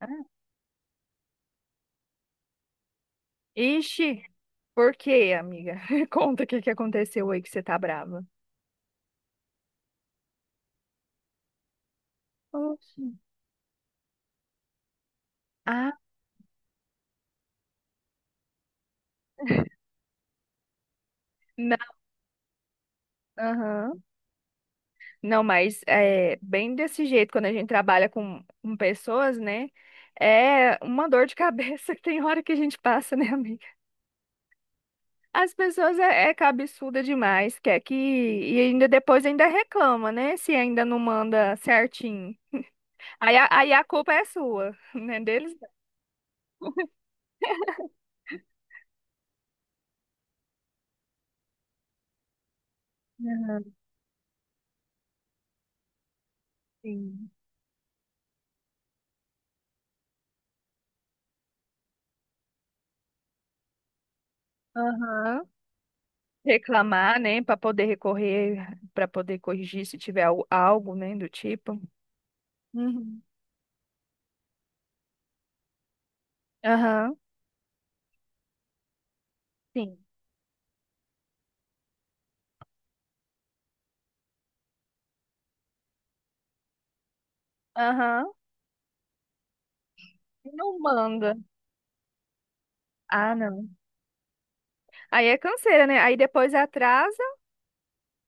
Ah, ixi, por quê, amiga? Conta o que aconteceu aí que você tá brava. Oxi. Ah, não, aham. Não, mas é bem desse jeito, quando a gente trabalha com pessoas, né? É uma dor de cabeça que tem hora que a gente passa, né, amiga? As pessoas é cabeçuda demais, quer que. E ainda depois ainda reclama, né? Se ainda não manda certinho. Aí a culpa é sua, né? Deles. Não. Aham, sim. Aham, reclamar, né, para poder recorrer, para poder corrigir se tiver algo, né, do tipo. Uhum. Aham, sim. Aham. Não manda. Ah, não. Aí é canseira, né? Aí depois atrasa,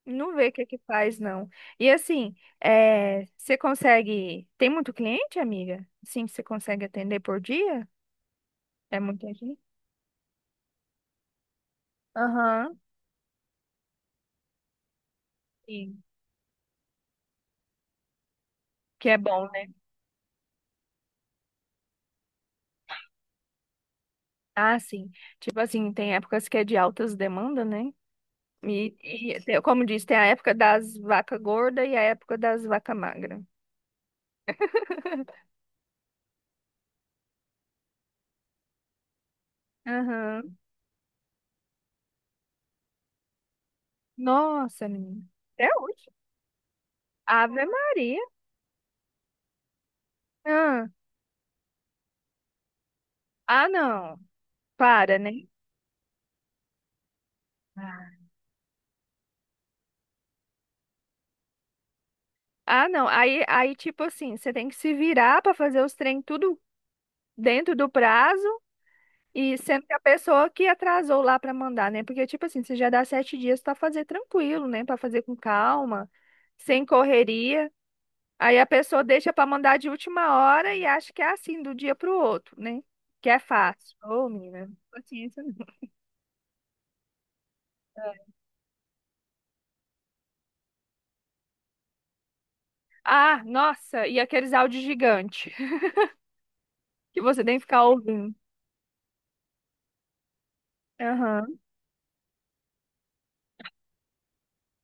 não vê o que é que faz, não. E assim, é, você consegue. Tem muito cliente, amiga? Sim, você consegue atender por dia? É muita gente? Aham, sim. Que é bom, né? Ah, sim. Tipo assim, tem épocas que é de altas demandas, né? E tem- como diz, tem a época das vacas gordas e a época das vacas magras. Aham. Nossa, menina. Até hoje. Ave Maria. Ah, ah, não. Para, né? Ah, não. Aí, aí, tipo assim, você tem que se virar pra fazer os trem tudo dentro do prazo e sendo que a pessoa que atrasou lá pra mandar, né? Porque, tipo assim, você já dá sete dias pra fazer tranquilo, né? Pra fazer com calma, sem correria. Aí a pessoa deixa para mandar de última hora e acha que é assim, do dia para o outro, né? Que é fácil. Ô, menina, paciência não. Ah, nossa, e aqueles áudios gigantes que você tem que ficar ouvindo. Aham.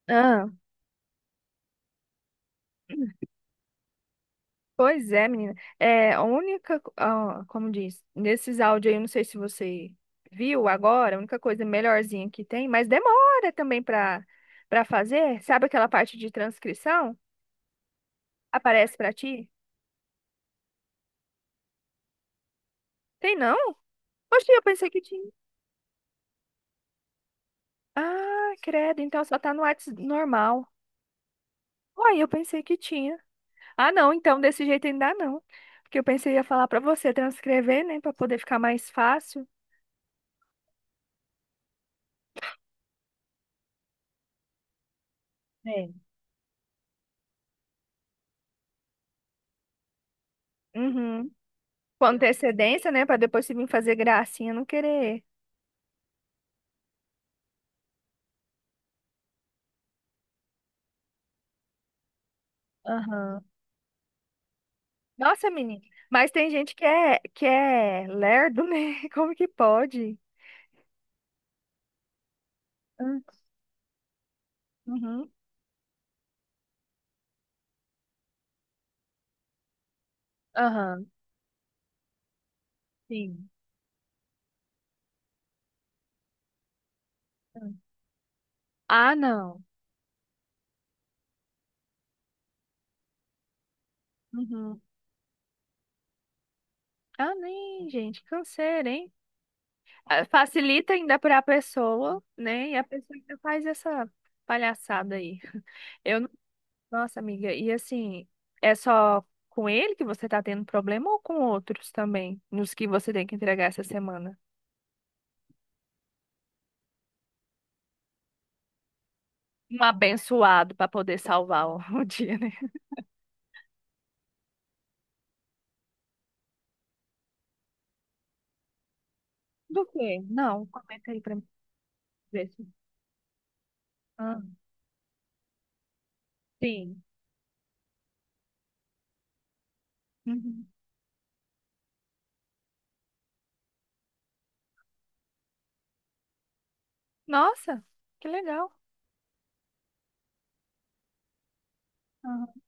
Ah, pois é, menina. É, a única, co- ah, como diz, nesses áudios aí, eu não sei se você viu agora, a única coisa melhorzinha que tem, mas demora também para fazer. Sabe aquela parte de transcrição? Aparece para ti? Tem não? Oxe, eu pensei que tinha. Ah, credo, então só tá no WhatsApp normal. Uai, eu pensei que tinha. Ah, não, então desse jeito ainda não. Porque eu pensei ia falar pra você transcrever, né, pra poder ficar mais fácil. É. Uhum. Com antecedência, né, pra depois se vir fazer gracinha, não querer. Aham. Nossa, menina, mas tem gente que é lerdo, né? Como que pode? Hum. Uhum. Aham, sim. Hum. Ah, não. Uhum. Ah, nem, gente, canseira, hein? Ah, facilita ainda para a pessoa, né? E a pessoa ainda faz essa palhaçada aí. Eu não... Nossa, amiga, e assim, é só com ele que você tá tendo problema ou com outros também, nos que você tem que entregar essa semana? Um abençoado para poder salvar o, o dia, né? Do quê? Não, comenta aí pra mim ver se- Ah, sim. Uhum. Nossa, que legal. Aham.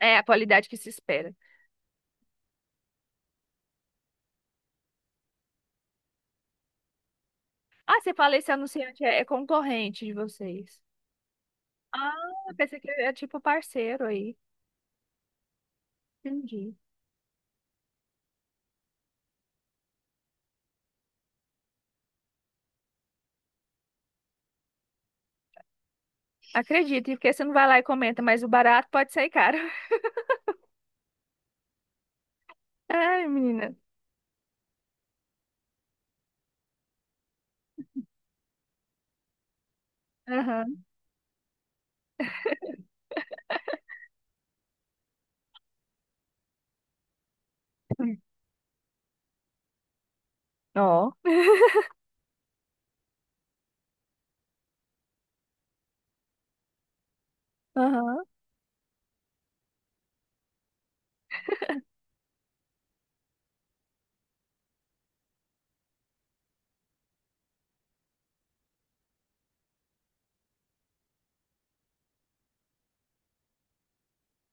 É a qualidade que se espera. Ah, você fala esse anunciante é concorrente de vocês. Ah, pensei que é tipo parceiro aí. Entendi. Acredito, porque você não vai lá e comenta, mas o barato pode sair caro. Ai, menina. Aham. Ó. Aham.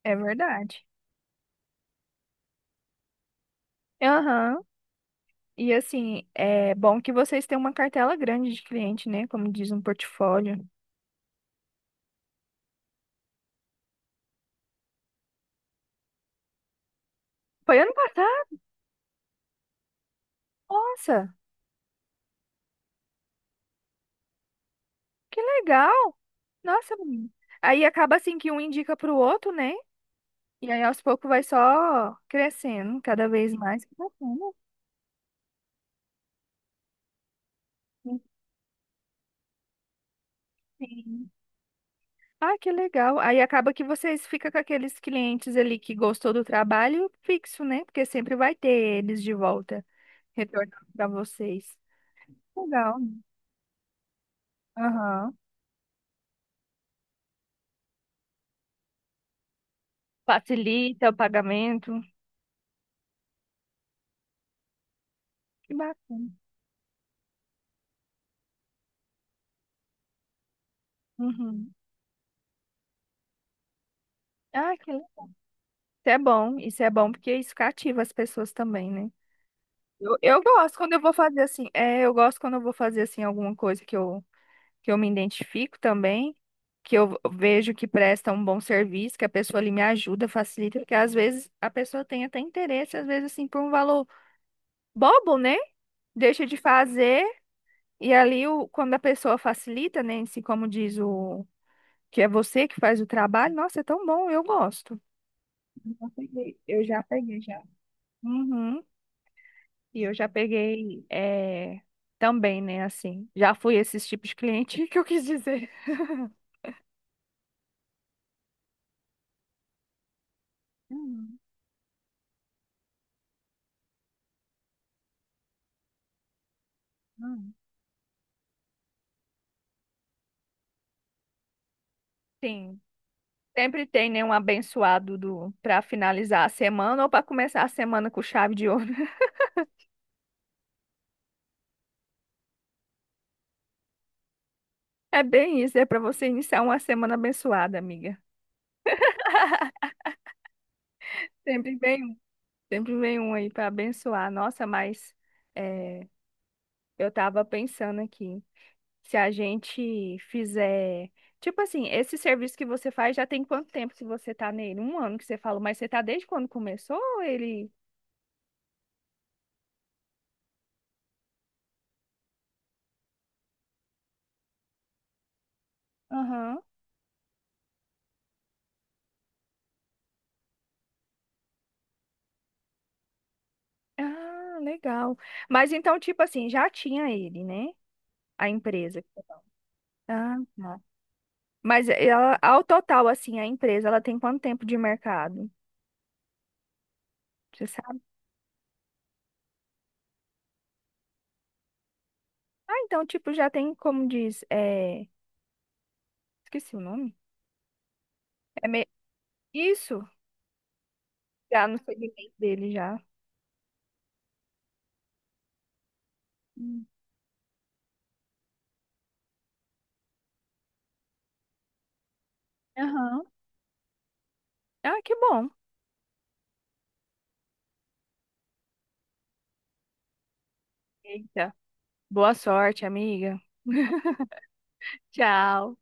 É verdade. Aham. E assim, é bom que vocês têm uma cartela grande de cliente, né? Como diz, um portfólio. Foi ano passado? Nossa, que legal. Nossa, menina. Aí acaba assim que um indica pro outro, né? E aí aos poucos vai só crescendo cada vez mais. Que bacana. Sim. Ah, que legal. Aí acaba que vocês ficam com aqueles clientes ali que gostou do trabalho fixo, né? Porque sempre vai ter eles de volta, retornando para vocês. Legal. Aham. Facilita o pagamento. Que bacana. Uhum. Ah, que legal. Isso é bom. Isso é bom porque isso cativa as pessoas também, né? Eu gosto quando eu vou fazer assim. É, eu gosto quando eu vou fazer assim alguma coisa que eu me identifico também, que eu vejo que presta um bom serviço, que a pessoa ali me ajuda, facilita, porque às vezes a pessoa tem até interesse, às vezes assim, por um valor bobo, né? Deixa de fazer, e ali o, quando a pessoa facilita, né? Assim, como diz o que é você que faz o trabalho, nossa, é tão bom, eu gosto. Eu já peguei já. Uhum. E eu já peguei é, também, né? Assim, já fui esses tipos de cliente que eu quis dizer. Uhum, uhum. Sim. Sempre tem, né, um abençoado do para finalizar a semana ou para começar a semana com chave de ouro. É bem isso, é para você iniciar uma semana abençoada, amiga. Sempre vem um, sempre vem um aí para abençoar. Nossa, mas é, eu tava pensando aqui, se a gente fizer, tipo assim, esse serviço que você faz já tem quanto tempo que você tá nele? Um ano que você falou, mas você tá desde quando começou ou ele? Aham. Ah, legal. Mas então, tipo assim, já tinha ele, né? A empresa. Ah, tá. Mas é, ela, ao total, assim, a empresa, ela tem quanto tempo de mercado? Você sabe? Ah, então, tipo, já tem, como diz, é... esqueci o nome. É me... Isso, já no segmento dele, já. Hum. Aham. Ah, que bom. Eita. Boa sorte, amiga. Tchau.